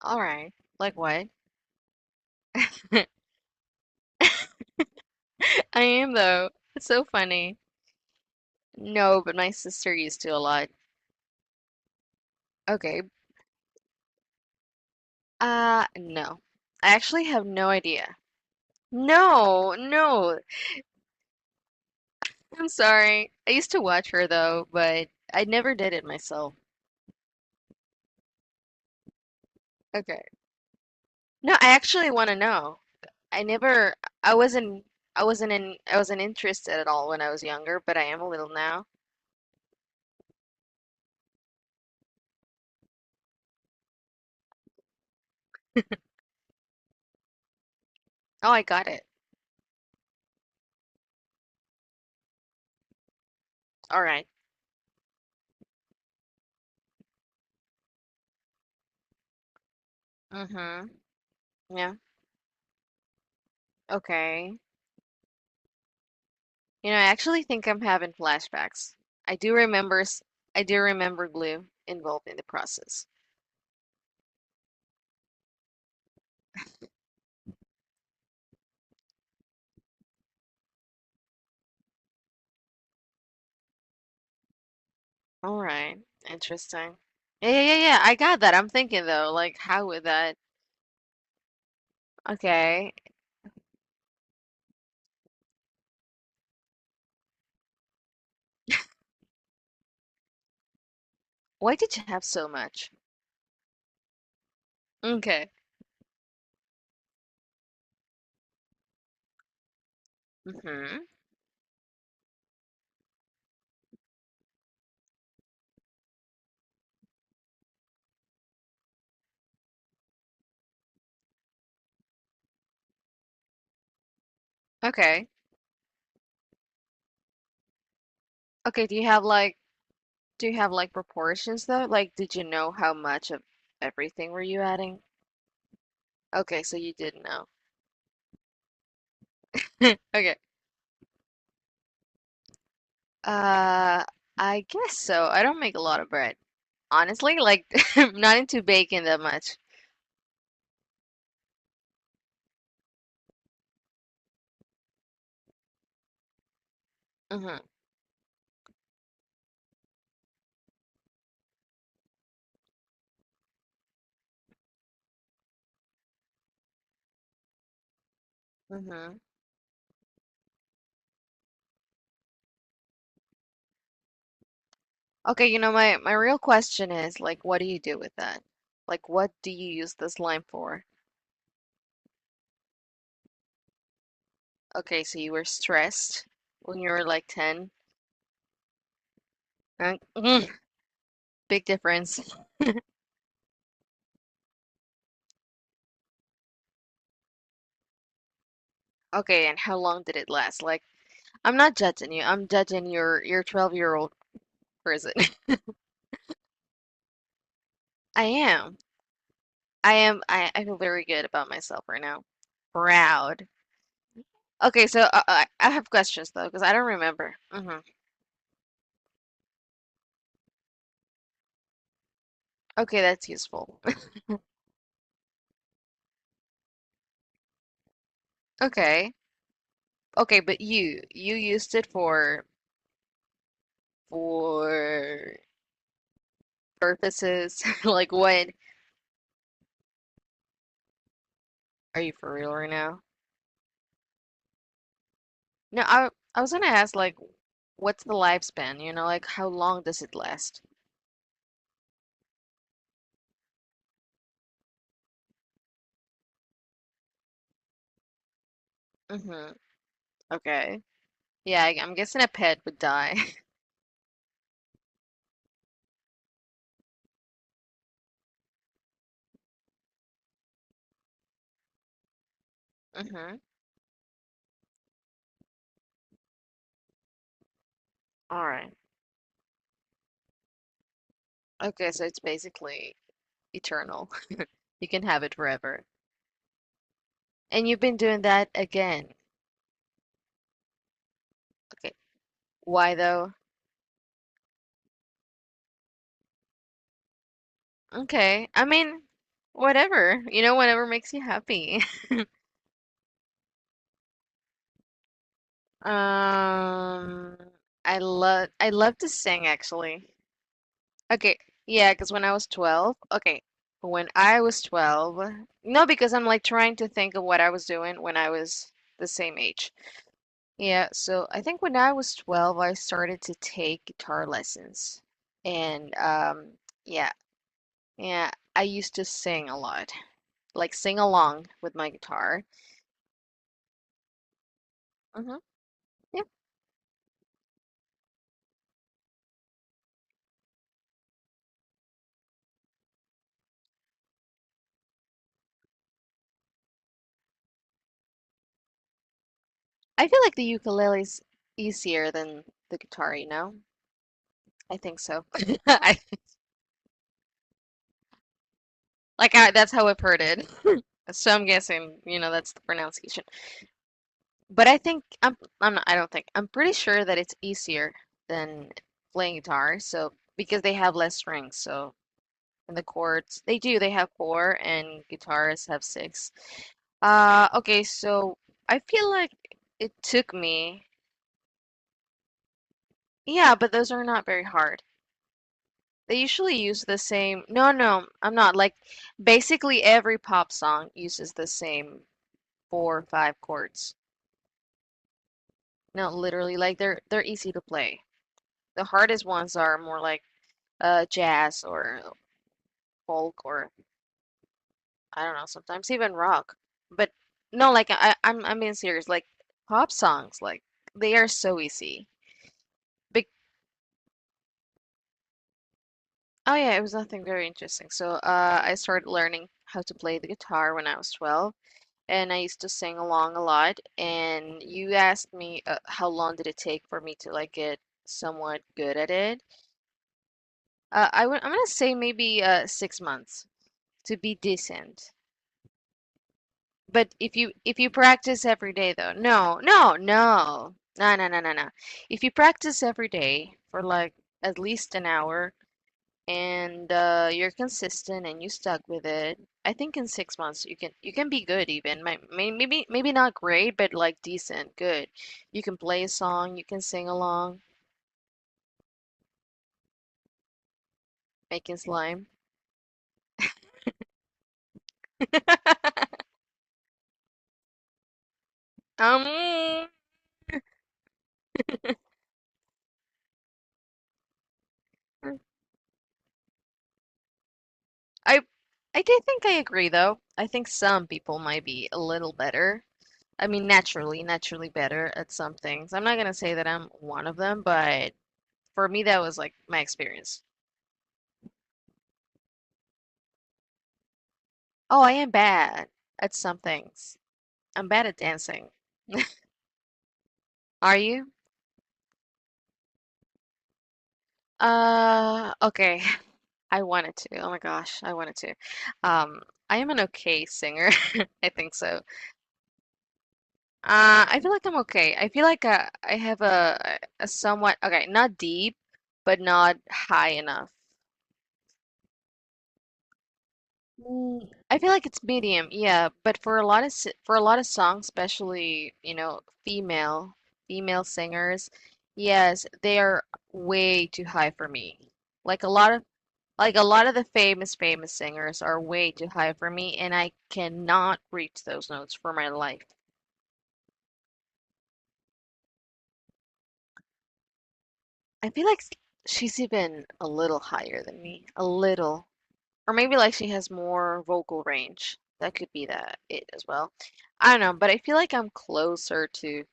All right. Like what? I am though. It's so funny. No, but my sister used to a lot. Okay. No. I actually have no idea. No, no. I'm sorry. I used to watch her though, but I never did it myself. Okay. No, I actually want to know. I never, I wasn't, I wasn't in, I wasn't interested at all when I was younger, but I am a little now. Oh, I got it. All right. Mm-hmm. Yeah. Okay. You know, I actually think I'm having flashbacks. I do remember, s- I do remember glue involved in the process. All right, interesting. Yeah, yeah, yeah, yeah. I got that. I'm thinking though, like, how would that? Okay, why did you have so much? Okay. Mm-hmm. Okay. Okay. Do you have like proportions though? Like, did you know how much of everything were you adding? Okay, so you did know. Okay. Uh, I guess so. I don't make a lot of bread. Honestly, like I'm not into baking that much. hmm hmm Okay, my real question is like, what do you do with that? Like, what do you use this lime for? Okay, so you were stressed when you were like 10. Uh, mm, Big difference. Okay, and how long did it last? Like, I'm not judging you. I'm judging your 12-year-old person. I am. I am. I feel very good about myself right now. Proud. Okay, so I have questions though, because I don't remember. Mm-hmm. Okay, that's useful. Okay. Okay, but you used it for purposes like what? Are you for real right now? No, I was gonna ask like what's the lifespan, like how long does it last? Mm-hmm. Okay. Yeah, I'm guessing a pet would die. Mm-hmm. All right. Okay, so it's basically eternal. You can have it forever. And you've been doing that again. Okay. Why though? Okay. I mean, whatever. You know, whatever makes you happy. Um, I love to sing actually. Okay. Yeah, because when I was 12, okay, when I was 12, no, because I'm like trying to think of what I was doing when I was the same age. Yeah, so I think when I was 12, I started to take guitar lessons. And yeah, yeah, I used to sing a lot, like sing along with my guitar. hmm I feel like the ukulele's easier than the guitar, you know? I think so. I that's how I've heard it. So I'm guessing, that's the pronunciation. But I think I'm not, I don't think. I'm pretty sure that it's easier than playing guitar, so because they have less strings. So in the chords, they do, they have four and guitars have six. Okay, so I feel like it took me. Yeah, but those are not very hard. They usually use the same. No, no, I'm not. Like, basically every pop song uses the same four or five chords. No, literally, like they're easy to play. The hardest ones are more like jazz or folk or I don't know, sometimes even rock. But no, like I'm being serious. Like pop songs, like they are so easy. Big oh yeah, it was nothing very interesting. So I started learning how to play the guitar when I was 12. And I used to sing along a lot. And you asked me how long did it take for me to like get somewhat good at it. I'm gonna say maybe 6 months to be decent. But if you practice every day though, no, no, no, no, no, no, no, no. If you practice every day for like at least an hour, and you're consistent and you stuck with it, I think in 6 months you can be good even. Maybe not great, but like decent, good. You can play a song, you can sing along, making slime. Um, I I do think I agree though. I think some people might be a little better. I mean, naturally better at some things. I'm not gonna say that I'm one of them, but for me, that was like my experience. Oh, I am bad at some things. I'm bad at dancing. Are you? Okay. I wanted to. Oh my gosh, I wanted to. Um, I am an okay singer. I think so. I feel like I'm okay. I feel like I have a somewhat okay, not deep, but not high enough. I feel like it's medium, yeah. But for a lot of songs, especially female female singers, yes, they are way too high for me. Like a lot of Like a lot of the famous, famous singers are way too high for me, and I cannot reach those notes for my life. I feel like she's even a little higher than me, a little. Or maybe like she has more vocal range. That could be that it as well. I don't know, but I feel like I'm closer to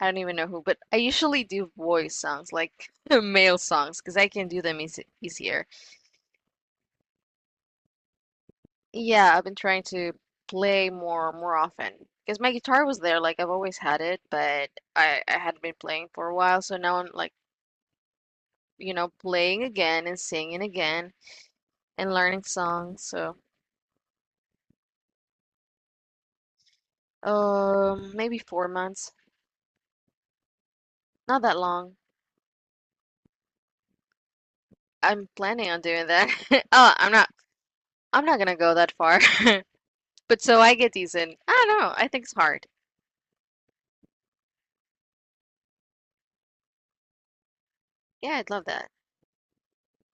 I don't even know who, but I usually do voice songs, like male songs, because I can do them easy easier. Yeah, I've been trying to play more often because my guitar was there, like I've always had it, but I hadn't been playing for a while, so now I'm like, playing again and singing again and learning songs. So, maybe 4 months, not that long. I'm planning on doing that. Oh, I'm not gonna go that far. But so I get decent. I don't know. I think it's hard. Yeah, I'd love that.